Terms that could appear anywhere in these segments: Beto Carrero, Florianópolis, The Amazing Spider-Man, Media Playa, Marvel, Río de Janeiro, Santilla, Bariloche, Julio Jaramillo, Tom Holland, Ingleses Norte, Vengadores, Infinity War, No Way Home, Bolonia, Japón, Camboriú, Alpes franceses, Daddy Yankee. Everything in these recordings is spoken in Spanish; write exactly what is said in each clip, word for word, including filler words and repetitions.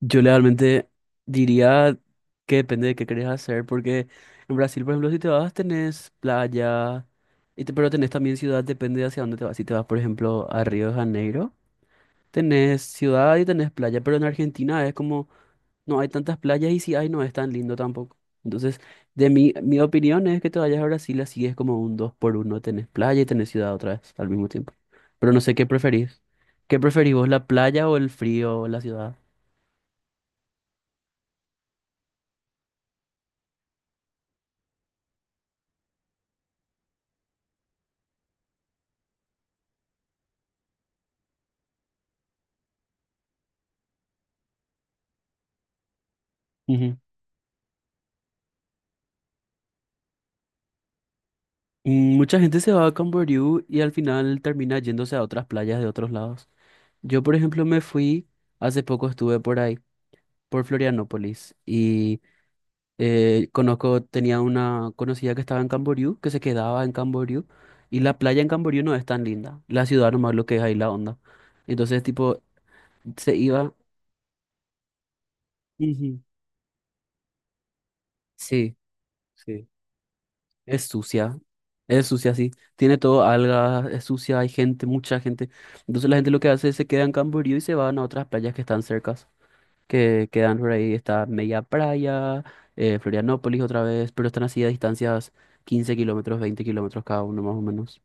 Yo realmente diría que depende de qué querés hacer, porque en Brasil, por ejemplo, si te vas, tenés playa, y te- pero tenés también ciudad, depende de hacia dónde te vas. Si te vas, por ejemplo, a Río de Janeiro, tenés ciudad y tenés playa, pero en Argentina es como, no hay tantas playas y si hay, no es tan lindo tampoco. Entonces, de mi, mi opinión es que te vayas a Brasil, así es como un dos por uno, tenés playa y tenés ciudad otra vez al mismo tiempo. Pero no sé qué preferís. ¿Qué preferís vos, la playa o el frío o la ciudad? Mm, Mucha gente se va a Camboriú y al final termina yéndose a otras playas de otros lados. Yo, por ejemplo, me fui, hace poco estuve por ahí, por Florianópolis, y eh, conozco, tenía una conocida que estaba en Camboriú, que se quedaba en Camboriú, y la playa en Camboriú no es tan linda, la ciudad nomás lo que es ahí la onda. Entonces, tipo, se iba. Ujú. Sí, sí. Es sucia, es sucia, sí. Tiene todo algas, es sucia, hay gente, mucha gente. Entonces la gente lo que hace es se queda en Camboriú y se van a otras playas que están cercas, que quedan por ahí, está Media Playa, eh, Florianópolis otra vez, pero están así a distancias quince kilómetros, veinte kilómetros cada uno más o menos.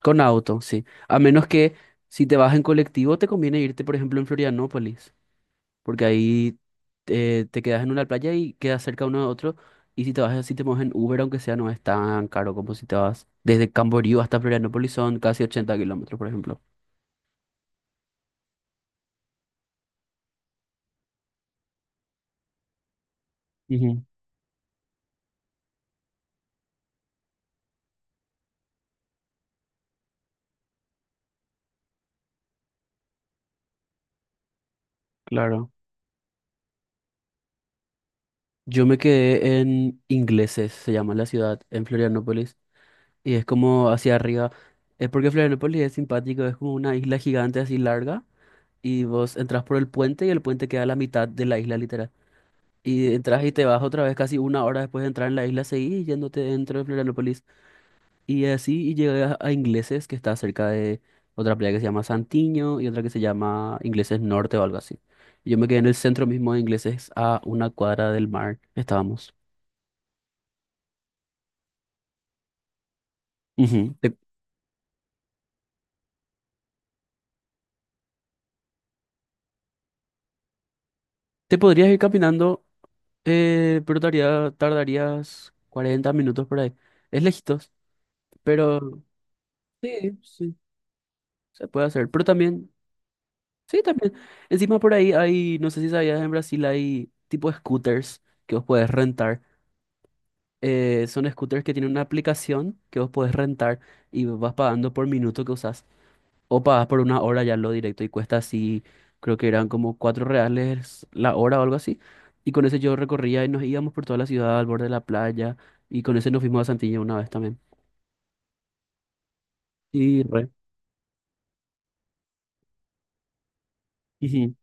Con auto, sí. A menos que si te vas en colectivo te conviene irte, por ejemplo, en Florianópolis, porque ahí eh, te quedas en una playa y quedas cerca uno de otro. Y si te vas así, te mueves en Uber, aunque sea, no es tan caro como si te vas desde Camboriú hasta Florianópolis, son casi ochenta kilómetros, por ejemplo. Ujú, claro. Yo me quedé en Ingleses, se llama la ciudad, en Florianópolis, y es como hacia arriba. Es porque Florianópolis es simpático, es como una isla gigante así larga, y vos entras por el puente y el puente queda a la mitad de la isla literal. Y entras y te vas otra vez casi una hora después de entrar en la isla, seguís yéndote dentro de Florianópolis. Y así y llegué a, a Ingleses, que está cerca de otra playa que se llama Santiño y otra que se llama Ingleses Norte o algo así. Y yo me quedé en el centro mismo de Ingleses, a una cuadra del mar. Estábamos. Ujú. Te, te podrías ir caminando, eh, pero tardaría- tardarías cuarenta minutos por ahí. Es lejitos, pero sí, sí, se puede hacer. Pero también, sí, también. Encima por ahí hay, no sé si sabías, en Brasil hay tipo scooters que vos podés rentar. Eh, son scooters que tienen una aplicación que vos podés rentar y vas pagando por minuto que usás. O pagás por una hora ya lo directo y cuesta así, creo que eran como cuatro reales la hora o algo así. Y con ese yo recorría y nos íbamos por toda la ciudad al borde de la playa. Y con ese nos fuimos a Santilla una vez también. Y re. Ujú,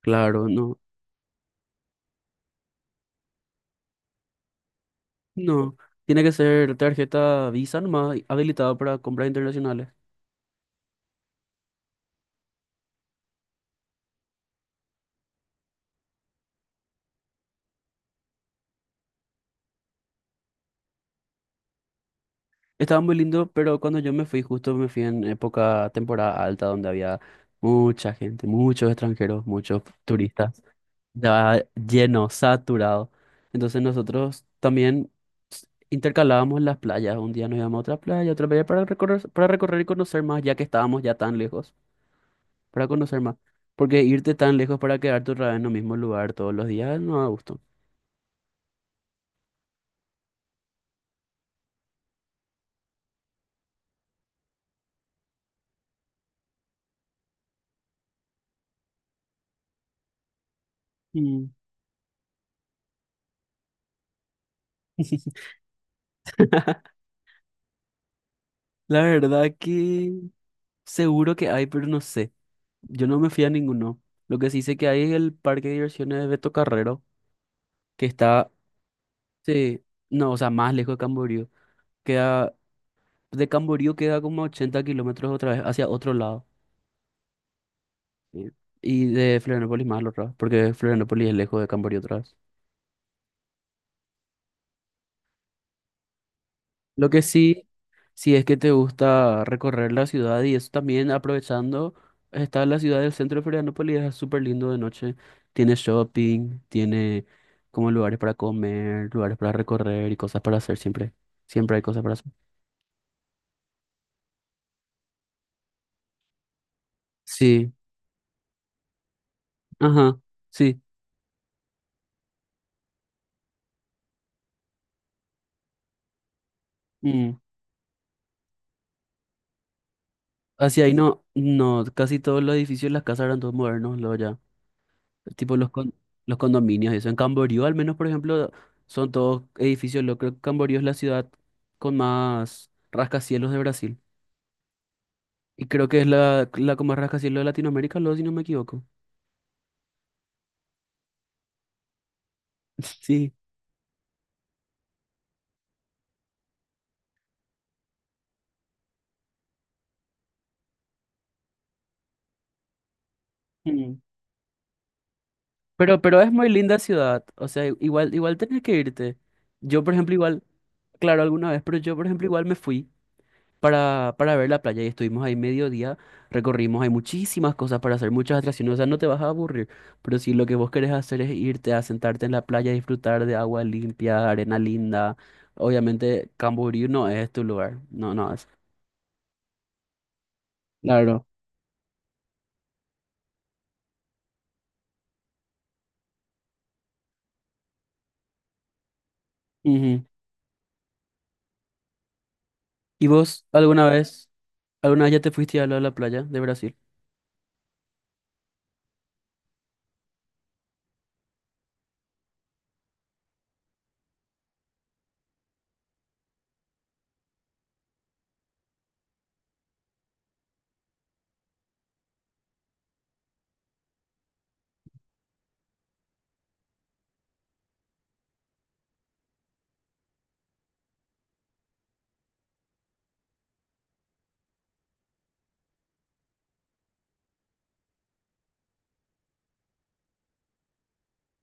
claro, no. No. Tiene que ser tarjeta Visa nomás habilitada para compras internacionales. Estaba muy lindo, pero cuando yo me fui, justo me fui en época, temporada alta, donde había mucha gente, muchos extranjeros, muchos turistas. Estaba lleno, saturado. Entonces nosotros también s- intercalábamos las playas. Un día nos íbamos a otra playa, otra playa para recorrer, para recorrer y conocer más, ya que estábamos ya tan lejos, para conocer más. Porque irte tan lejos para quedarte otra vez en el mismo lugar todos los días no da gusto. Mm. La verdad que seguro que hay, pero no sé. Yo no me fui a ninguno. Lo que sí sé que hay es el parque de diversiones de Beto Carrero, que está, sí, no, o sea, más lejos de Camboriú. Queda, de Camboriú queda como ochenta kilómetros otra vez hacia otro lado. Sí. Y de Florianópolis más al otro lado, porque Florianópolis es lejos de Camboriú otra vez. Lo que sí, si es que te gusta recorrer la ciudad y eso también aprovechando, está la ciudad del centro de Florianópolis, es súper lindo de noche. Tiene shopping, tiene como lugares para comer, lugares para recorrer y cosas para hacer siempre. Siempre hay cosas para hacer. Sí, ajá, sí. Mm. Hacia ahí no, no, casi todos los edificios, las casas eran todos modernos, luego ya. Tipo los, con- los condominios y eso. En Camboriú, al menos, por ejemplo, son todos edificios. Lo creo que Camboriú es la ciudad con más rascacielos de Brasil. Y creo que es la, la como rascacielos de Latinoamérica, luego, si no me equivoco. Sí. Mm. Pero, pero es muy linda ciudad, o sea, igual, igual tenés que irte. Yo, por ejemplo, igual, claro, alguna vez, pero yo, por ejemplo, igual me fui para, para ver la playa y estuvimos ahí medio día, recorrimos, hay muchísimas cosas para hacer, muchas atracciones, o sea, no te vas a aburrir, pero si lo que vos querés hacer es irte a sentarte en la playa, disfrutar de agua limpia, arena linda, obviamente Camboriú no es tu lugar, no, no es. Claro. Ujú. ¿Y vos alguna vez? ¿Alguna vez ya te fuiste a la, a la playa de Brasil?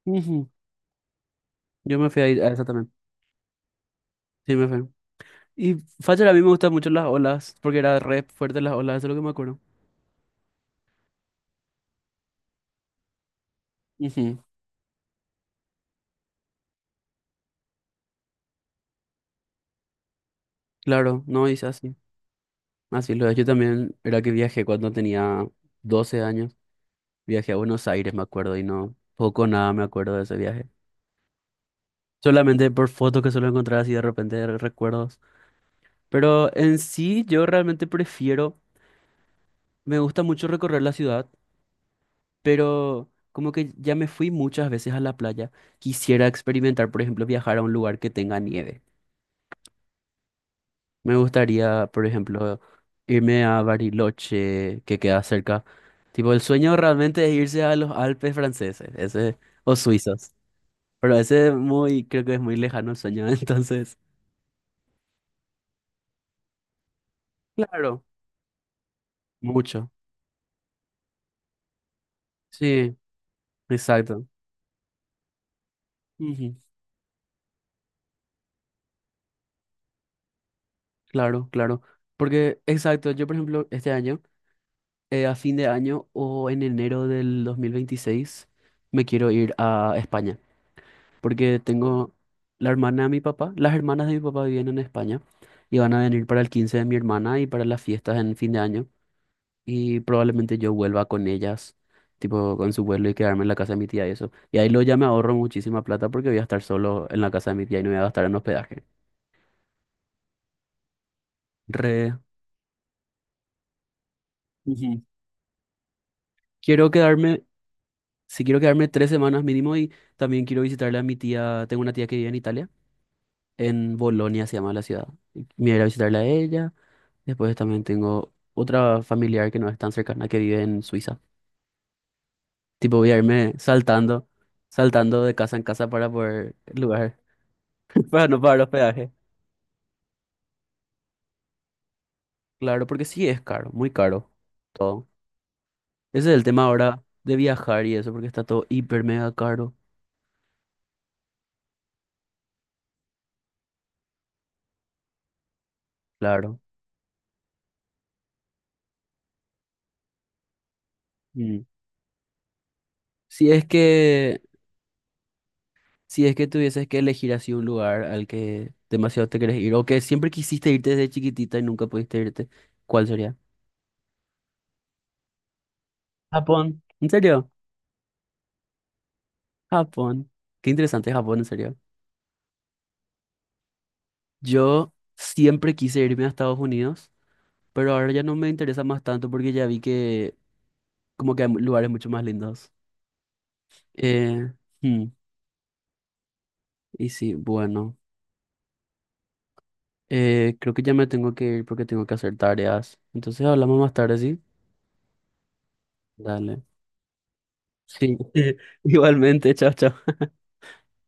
Ujú. Yo me fui a, ir a esa también. Sí, me fui. Y Facher, a mí me gustan mucho las olas, porque era re fuerte las olas, eso es lo que me acuerdo. Ujú. Claro, no hice así. Así lo es. Yo también era que viajé cuando tenía doce años. Viajé a Buenos Aires, me acuerdo, y no, poco o nada me acuerdo de ese viaje. Solamente por fotos que suelo encontrar así de repente re- recuerdos. Pero en sí, yo realmente prefiero, me gusta mucho recorrer la ciudad, pero como que ya me fui muchas veces a la playa. Quisiera experimentar, por ejemplo, viajar a un lugar que tenga nieve. Me gustaría, por ejemplo, irme a Bariloche, que queda cerca. Tipo, el sueño realmente es irse a los Alpes franceses, ese, o suizos. Pero ese es muy, creo que es muy lejano el sueño, entonces, claro, mucho. Sí, exacto. Ujú, claro, claro. Porque, exacto, yo por ejemplo, este año eh, a fin de año o en enero del dos mil veintiséis me quiero ir a España, porque tengo la hermana de mi papá, las hermanas de mi papá viven en España y van a venir para el quince de mi hermana y para las fiestas en fin de año y probablemente yo vuelva con ellas, tipo con su vuelo y quedarme en la casa de mi tía y eso. Y ahí lo ya me ahorro muchísima plata porque voy a estar solo en la casa de mi tía y no voy a gastar en hospedaje. Re. Ujú. Quiero quedarme, si quiero quedarme tres semanas mínimo y también quiero visitarle a mi tía, tengo una tía que vive en Italia. En Bolonia se llama la ciudad. Me iré a ir a visitarla a ella. Después también tengo otra familiar que no es tan cercana que vive en Suiza. Tipo, voy a irme saltando, saltando de casa en casa para poder lugar, para no pagar hospedaje. Claro, porque sí es caro, muy caro todo. Ese es el tema ahora de viajar y eso, porque está todo hiper mega caro. Claro. Mm. Si es que, si es que tuvieses que elegir así un lugar al que demasiado te querés ir, o que siempre quisiste irte desde chiquitita y nunca pudiste irte, ¿cuál sería? Japón, ¿en serio? Japón. Qué interesante Japón, en serio. Yo siempre quise irme a Estados Unidos, pero ahora ya no me interesa más tanto porque ya vi que como que hay mu- lugares mucho más lindos. Eh, hmm, y sí, bueno, eh, creo que ya me tengo que ir porque tengo que hacer tareas. Entonces hablamos más tarde, ¿sí? Dale. Sí, igualmente, chao, chao.